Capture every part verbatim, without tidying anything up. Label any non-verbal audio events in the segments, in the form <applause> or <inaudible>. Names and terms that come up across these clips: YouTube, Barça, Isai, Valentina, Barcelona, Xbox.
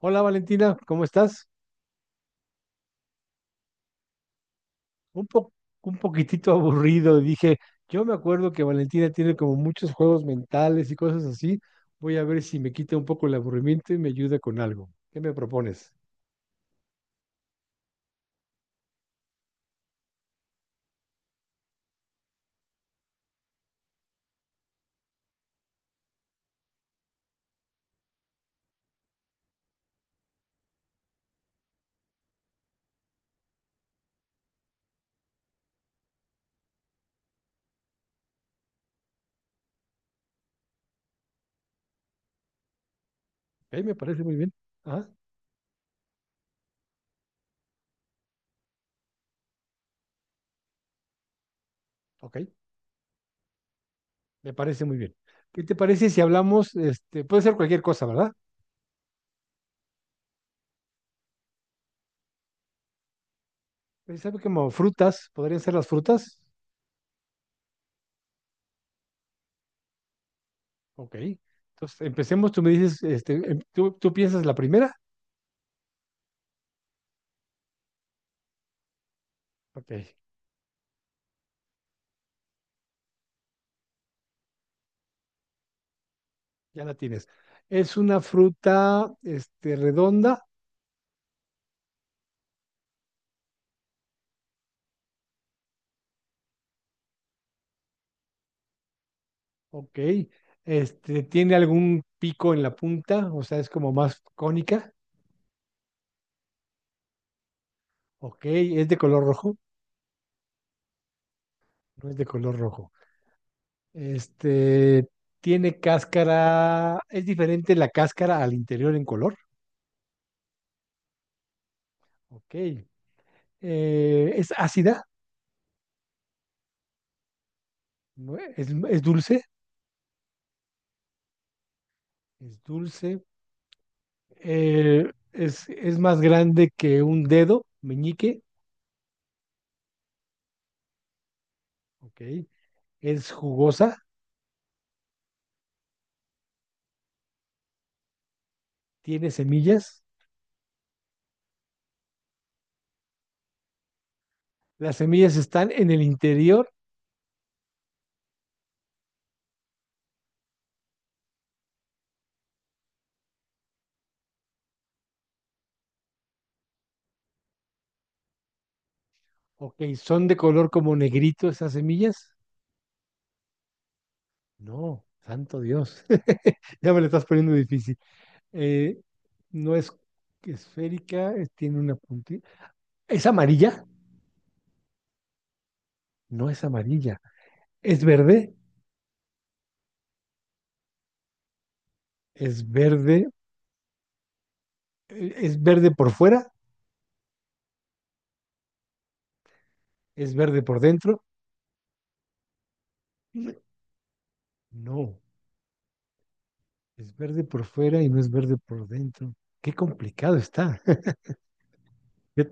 Hola Valentina, ¿cómo estás? Un po- un poquitito aburrido, dije, yo me acuerdo que Valentina tiene como muchos juegos mentales y cosas así. Voy a ver si me quita un poco el aburrimiento y me ayuda con algo. ¿Qué me propones? Ok, me parece muy bien. Ajá, ok, me parece muy bien. ¿Qué te parece si hablamos, este, puede ser cualquier cosa, ¿verdad? ¿Sabes como frutas? ¿Podrían ser las frutas? Ok. Entonces, empecemos, tú me dices, este, em- ¿tú, tú piensas la primera? Ok. Ya la tienes. Es una fruta, este, redonda, ok. Este, tiene algún pico en la punta, o sea, es como más cónica, ok. Es de color rojo, no es de color rojo. Este, tiene cáscara, es diferente la cáscara al interior en color, ok. Eh, es ácida, ¿no? es, es dulce, es dulce. Eh, es, es más grande que un dedo, meñique, ok. Es jugosa, tiene semillas. Las semillas están en el interior. Ok, ¿son de color como negrito esas semillas? No, santo Dios. <laughs> Ya me lo estás poniendo difícil. Eh, no es esférica, es- tiene una puntita. ¿Es amarilla? No es amarilla. ¿Es verde? ¿Es verde? eh, ¿Es verde por fuera? ¿Es verde por dentro? No, es verde por fuera y no es verde por dentro. Qué complicado está. <laughs> Yo,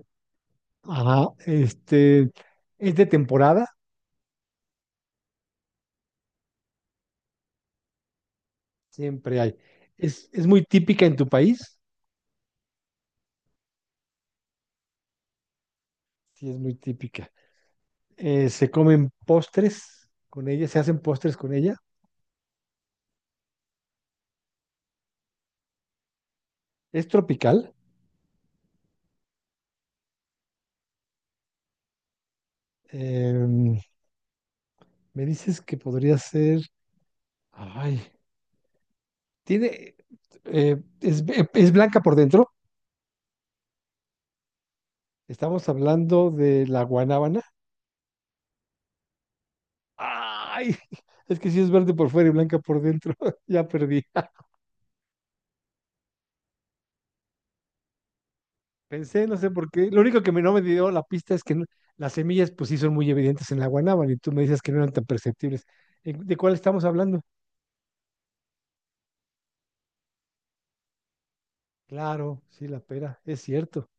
ajá, este, es de temporada, siempre hay. Es, es muy típica en tu país, sí, es muy típica. Eh, se comen postres con ella, se hacen postres con ella. Es tropical. Em, Me dices que podría ser, ay, tiene, eh, es, eh, es blanca por dentro. Estamos hablando de la guanábana. Ay, <laughs> es que sí es verde por fuera y blanca por dentro. <laughs> Ya perdí. Pensé, no sé por qué. Lo único que me, no me dio la pista es que no- las semillas, pues sí, son muy evidentes en la guanábana y tú me dices que no eran tan perceptibles. ¿En- ¿De cuál estamos hablando? Claro, sí, la pera, es cierto.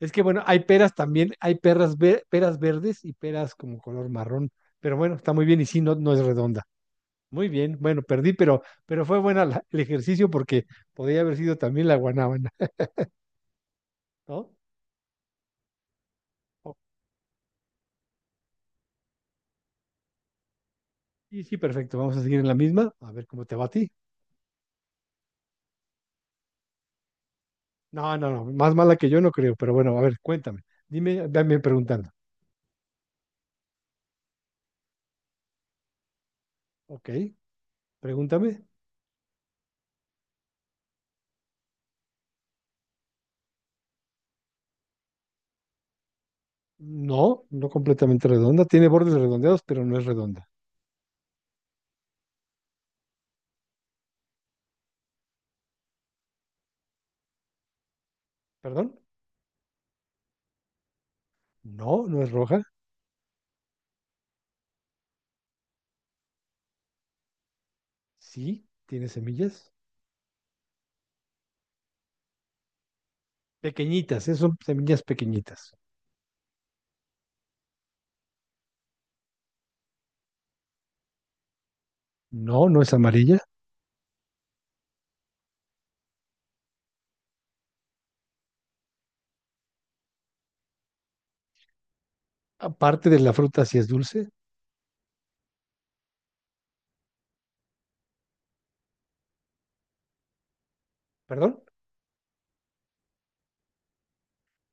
Es que bueno, hay peras también, hay perras ver peras verdes y peras como color marrón. Pero bueno, está muy bien y sí, no, no es redonda. Muy bien, bueno, perdí, pero, pero fue buena la- el ejercicio porque podría haber sido también la guanábana, ¿no? Oh, sí, sí, perfecto. Vamos a seguir en la misma, a ver cómo te va a ti. No, no, no, más mala que yo no creo, pero bueno, a ver, cuéntame. Dime, véanme preguntando. Ok, pregúntame. No, no completamente redonda. Tiene bordes redondeados, pero no es redonda. ¿Perdón? No, no es roja. Sí, tiene semillas. Pequeñitas, eh, son semillas pequeñitas. No, no es amarilla. Aparte de la fruta, sí es dulce. ¿Perdón?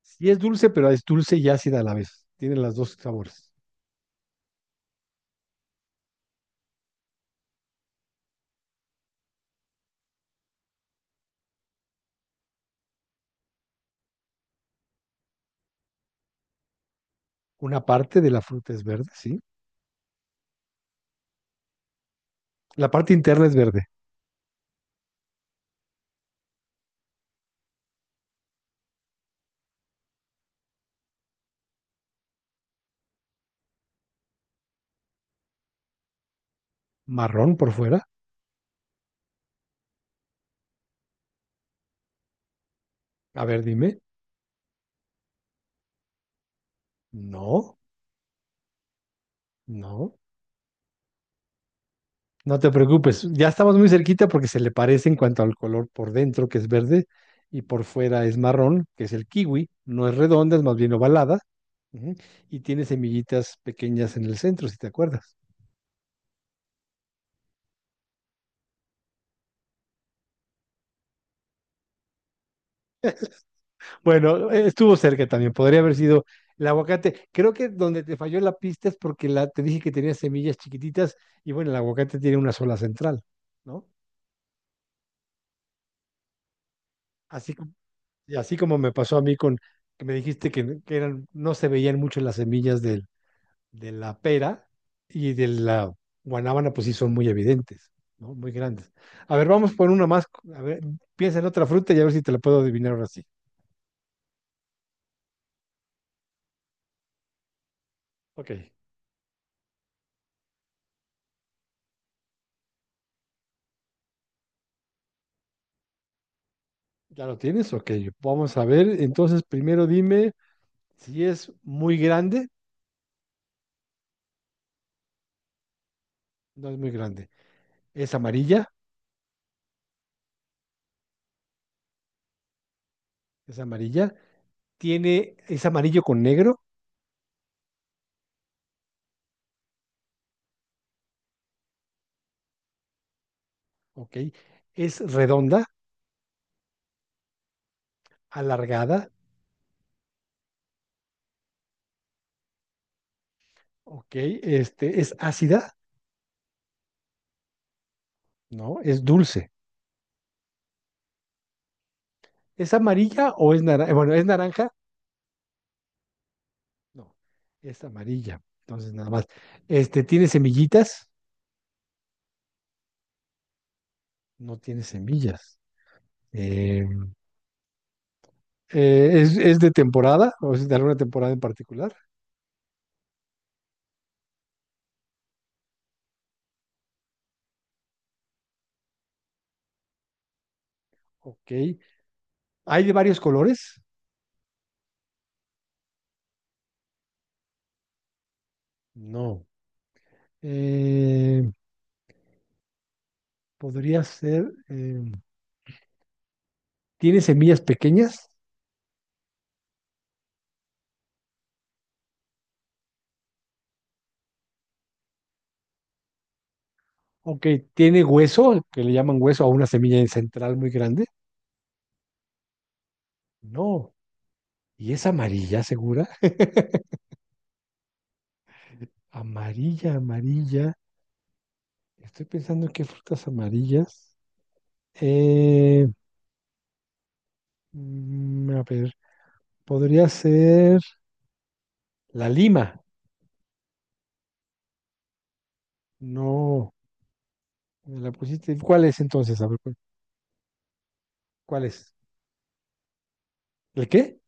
Sí es dulce, pero es dulce y ácida a la vez. Tiene los dos sabores. Una parte de la fruta es verde, sí. La parte interna es verde. Marrón por fuera. A ver, dime. No. No, no te preocupes. Ya estamos muy cerquita porque se le parece en cuanto al color por dentro, que es verde, y por fuera es marrón, que es el kiwi. No es redonda, es más bien ovalada. Ujú, y tiene semillitas pequeñas en el centro, si te acuerdas. Bueno, eh, estuvo cerca también. Podría haber sido el aguacate. Creo que donde te falló la pista es porque la, te dije que tenía semillas chiquititas y bueno, el aguacate tiene una sola central, ¿no? Así, como- y así como me pasó a mí con que me dijiste que, que eran, no se veían mucho las semillas del de la pera y de la guanábana, pues sí son muy evidentes, ¿no? Muy grandes. A ver, vamos por una más. A ver, piensa en otra fruta y a ver si te la puedo adivinar ahora sí. Ok, ¿ya lo tienes? Ok, vamos a ver. Entonces, primero dime si es muy grande. No es muy grande. Es amarilla, es amarilla. Tiene, es amarillo con negro, ok. Es redonda, alargada, ok. Este, es ácida, ¿no? Es dulce. ¿Es amarilla o es naranja? Bueno, es naranja, no, es amarilla. Entonces, nada más. Este, ¿tiene semillitas? No tiene semillas. Eh, eh, ¿es, es de temporada? ¿O es de alguna temporada en particular? Ok. ¿Hay de varios colores? No. Eh, podría ser, eh, ¿tiene semillas pequeñas? Ok. ¿Tiene hueso? Que le llaman hueso a una semilla central muy grande. No. ¿Y es amarilla, segura? <laughs> Amarilla, amarilla. Estoy pensando en qué frutas amarillas. Eh, mm, a ver, podría ser la lima. No, me la pusiste. ¿Cuál es entonces? A ver, cu- ¿cuál es? ¿El qué?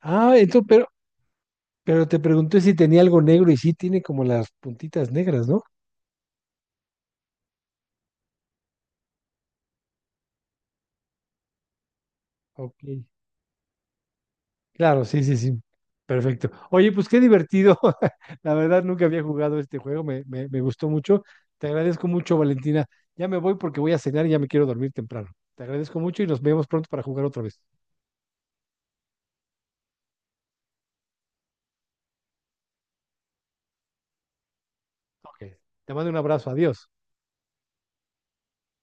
Ah, entonces, pero, pero te pregunté si tenía algo negro y sí tiene como las puntitas negras, ¿no? Ok. Claro, sí, sí, sí. Perfecto. Oye, pues qué divertido. <laughs> La verdad, nunca había jugado este juego. Me, me, me gustó mucho. Te agradezco mucho, Valentina. Ya me voy porque voy a cenar y ya me quiero dormir temprano. Te agradezco mucho y nos vemos pronto para jugar otra vez. Ok. Te mando un abrazo. Adiós.